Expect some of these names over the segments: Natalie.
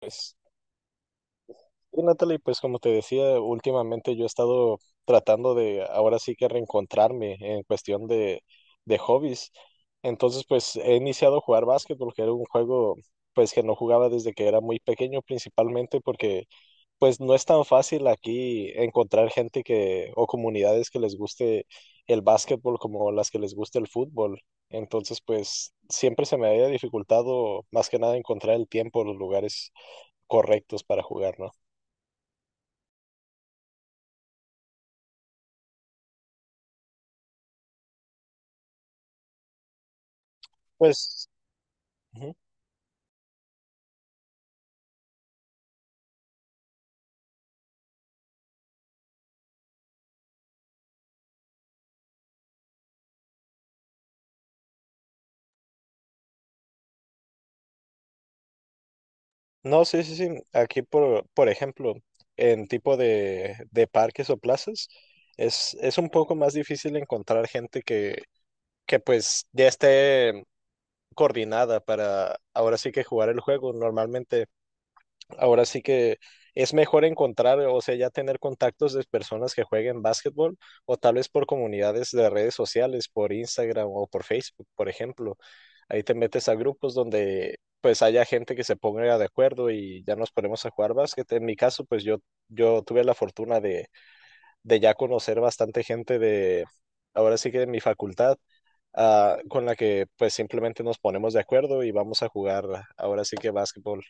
Pues, y Natalie, pues como te decía, últimamente yo he estado tratando de ahora sí que reencontrarme en cuestión de hobbies. Entonces, pues he iniciado a jugar básquetbol, que era un juego pues que no jugaba desde que era muy pequeño, principalmente porque pues no es tan fácil aquí encontrar gente que o comunidades que les guste el básquetbol como las que les guste el fútbol. Entonces, pues siempre se me había dificultado más que nada encontrar el tiempo, los lugares correctos para jugar, ¿no? Pues, ujú. No, sí, sí, sí. Aquí, por ejemplo, en tipo de parques o plazas, es un poco más difícil encontrar gente que pues ya esté coordinada para ahora sí que jugar el juego. Normalmente Ahora sí que es mejor encontrar, o sea, ya tener contactos de personas que jueguen básquetbol o tal vez por comunidades de redes sociales, por Instagram o por Facebook, por ejemplo. Ahí te metes a grupos donde pues haya gente que se ponga de acuerdo y ya nos ponemos a jugar básquet. En mi caso, yo tuve la fortuna de ya conocer bastante gente de, ahora sí que de mi facultad, con la que pues simplemente nos ponemos de acuerdo y vamos a jugar ahora sí que básquetbol.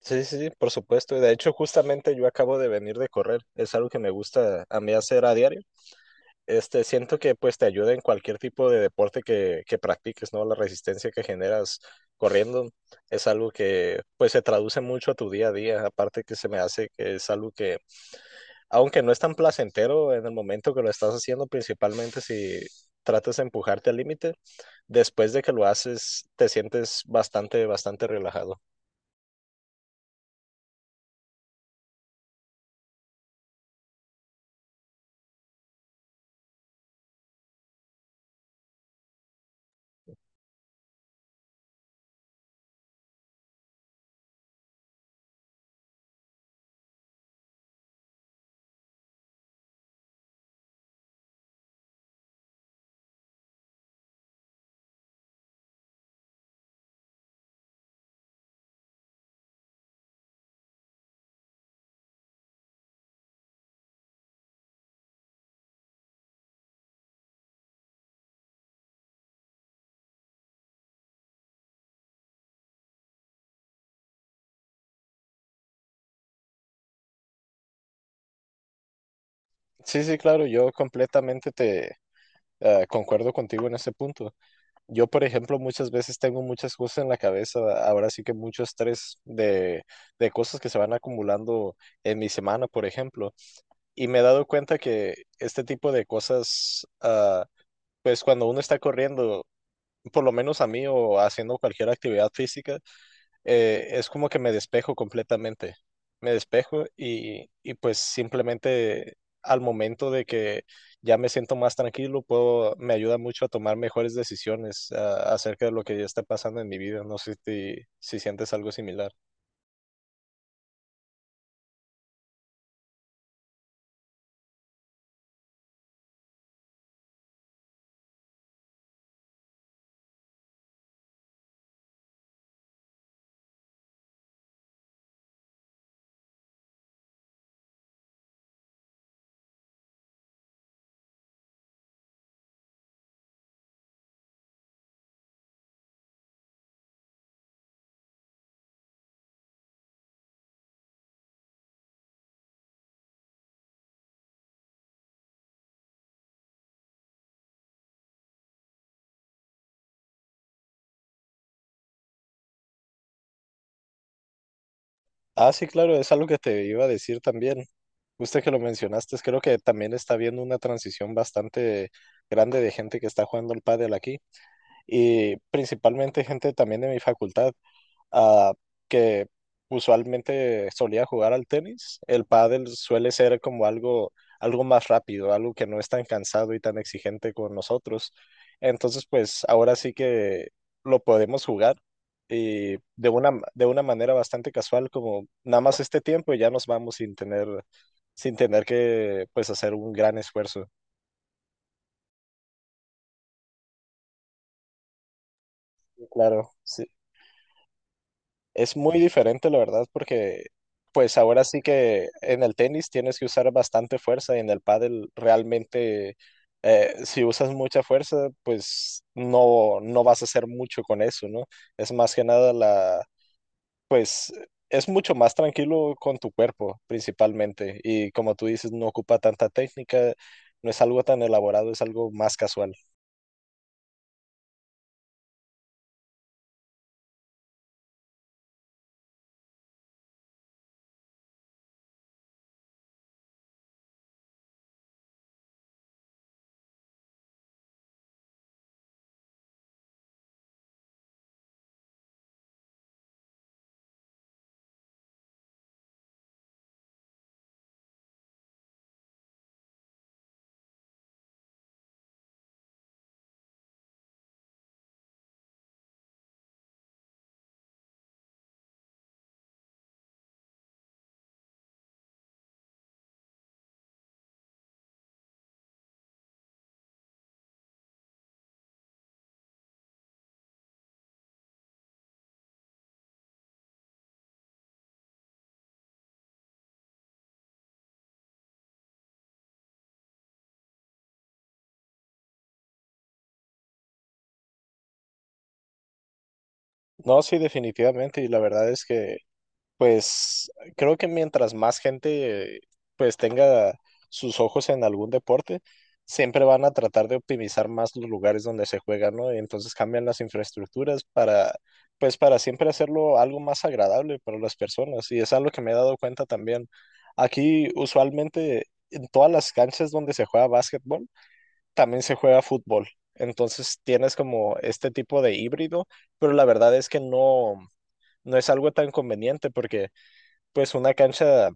Sí, sí, sí, por supuesto. De hecho, justamente yo acabo de venir de correr. Es algo que me gusta a mí hacer a diario. Siento que pues te ayuda en cualquier tipo de deporte que practiques, ¿no? La resistencia que generas corriendo es algo que pues se traduce mucho a tu día a día. Aparte que se me hace que es algo que, aunque no es tan placentero en el momento que lo estás haciendo, principalmente si tratas de empujarte al límite, después de que lo haces te sientes bastante, bastante relajado. Sí, sí, claro, yo completamente te concuerdo contigo en ese punto. Yo, por ejemplo, muchas veces tengo muchas cosas en la cabeza, ahora sí que mucho estrés de cosas que se van acumulando en mi semana, por ejemplo. Y me he dado cuenta que este tipo de cosas, pues cuando uno está corriendo, por lo menos a mí o haciendo cualquier actividad física, es como que me despejo completamente. Me despejo, y pues simplemente al momento de que ya me siento más tranquilo, puedo, me ayuda mucho a tomar mejores decisiones acerca de lo que ya está pasando en mi vida. No sé si sientes algo similar. Ah, sí, claro, es algo que te iba a decir también. Justo que lo mencionaste, creo que también está habiendo una transición bastante grande de gente que está jugando al pádel aquí y principalmente gente también de mi facultad, ah, que usualmente solía jugar al tenis. El pádel suele ser como algo más rápido, algo que no es tan cansado y tan exigente con nosotros. Entonces, pues ahora sí que lo podemos jugar y de de una manera bastante casual, como nada más este tiempo y ya nos vamos sin tener, sin tener que pues hacer un gran esfuerzo. Claro, sí. Es muy diferente, la verdad, porque pues ahora sí que en el tenis tienes que usar bastante fuerza y en el pádel realmente si usas mucha fuerza, pues no, no vas a hacer mucho con eso, ¿no? Es más que nada pues es mucho más tranquilo con tu cuerpo principalmente y como tú dices, no ocupa tanta técnica, no es algo tan elaborado, es algo más casual. No, sí, definitivamente. Y la verdad es que pues creo que mientras más gente pues tenga sus ojos en algún deporte, siempre van a tratar de optimizar más los lugares donde se juega, ¿no? Entonces cambian las infraestructuras para pues para siempre hacerlo algo más agradable para las personas, y es algo que me he dado cuenta también. Aquí usualmente en todas las canchas donde se juega básquetbol, también se juega fútbol. Entonces tienes como este tipo de híbrido, pero la verdad es que no es algo tan conveniente porque pues una cancha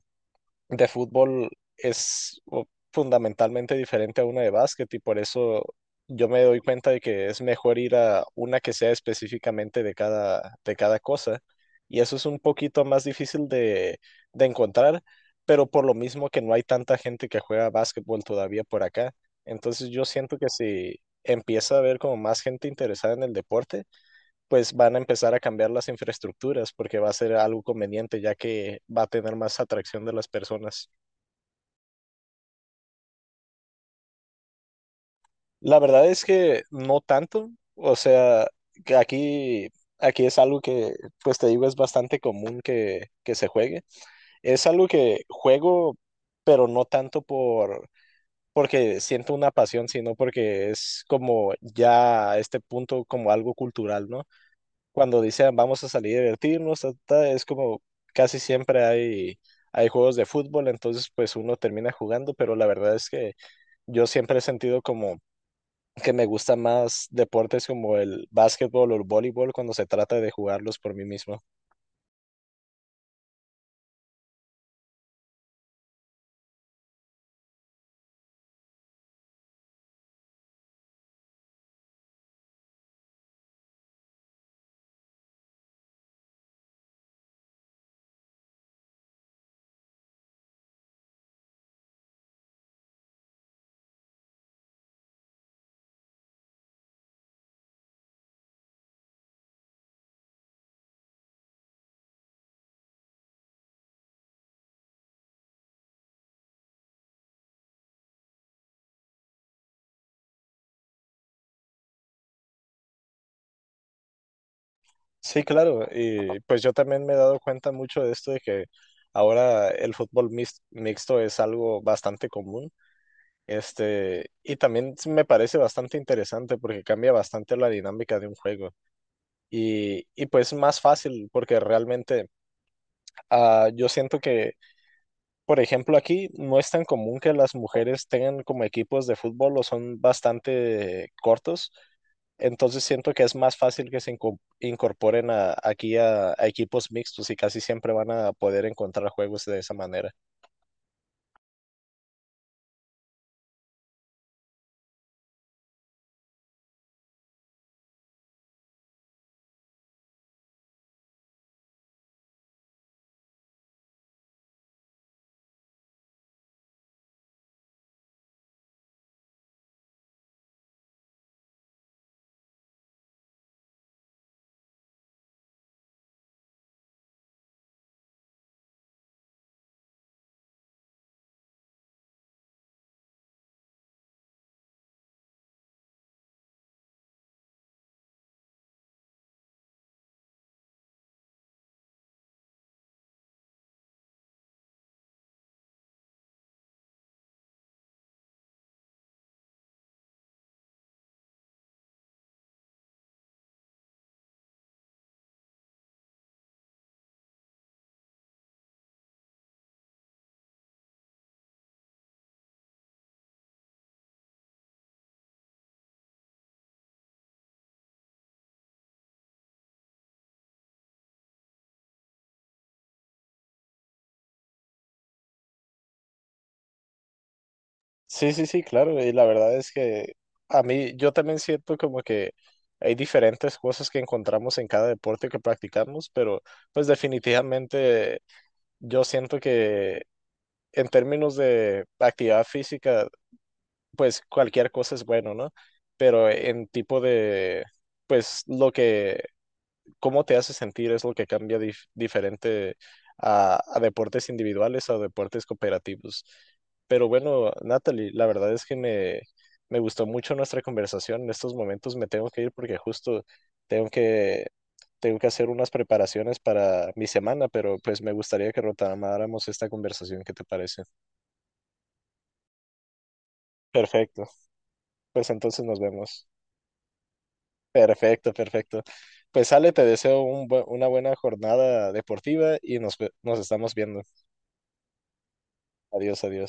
de fútbol es fundamentalmente diferente a una de básquet, y por eso yo me doy cuenta de que es mejor ir a una que sea específicamente de de cada cosa. Y eso es un poquito más difícil de encontrar, pero por lo mismo que no hay tanta gente que juega básquetbol todavía por acá. Entonces yo siento que si empieza a haber como más gente interesada en el deporte, pues van a empezar a cambiar las infraestructuras porque va a ser algo conveniente ya que va a tener más atracción de las personas. La verdad es que no tanto, o sea, que aquí, aquí es algo que, pues te digo, es bastante común que se juegue. Es algo que juego, pero no tanto porque siento una pasión, sino porque es como ya a este punto como algo cultural, ¿no? Cuando dicen vamos a salir a divertirnos, ta, ta, es como casi siempre hay, hay juegos de fútbol, entonces pues uno termina jugando, pero la verdad es que yo siempre he sentido como que me gusta más deportes como el básquetbol o el voleibol cuando se trata de jugarlos por mí mismo. Sí, claro, y pues yo también me he dado cuenta mucho de esto de que ahora el fútbol mixto es algo bastante común. Y también me parece bastante interesante porque cambia bastante la dinámica de un juego. Y pues más fácil, porque realmente yo siento por ejemplo, aquí no es tan común que las mujeres tengan como equipos de fútbol o son bastante cortos. Entonces siento que es más fácil que se incorporen aquí a equipos mixtos, y casi siempre van a poder encontrar juegos de esa manera. Sí, sí, sí, claro. Y la verdad es que a mí, yo también siento como que hay diferentes cosas que encontramos en cada deporte que practicamos, pero pues definitivamente yo siento que en términos de actividad física, pues cualquier cosa es bueno, ¿no? Pero en tipo de, pues lo que cómo te hace sentir es lo que cambia diferente a deportes individuales o deportes cooperativos. Pero bueno, Natalie, la verdad es que me gustó mucho nuestra conversación. En estos momentos me tengo que ir porque justo tengo que, tengo que hacer unas preparaciones para mi semana, pero pues me gustaría que retomáramos esta conversación. ¿Qué te parece? Perfecto. Pues entonces nos vemos. Perfecto, perfecto. Pues Ale, te deseo una buena jornada deportiva y nos estamos viendo. Adiós, adiós.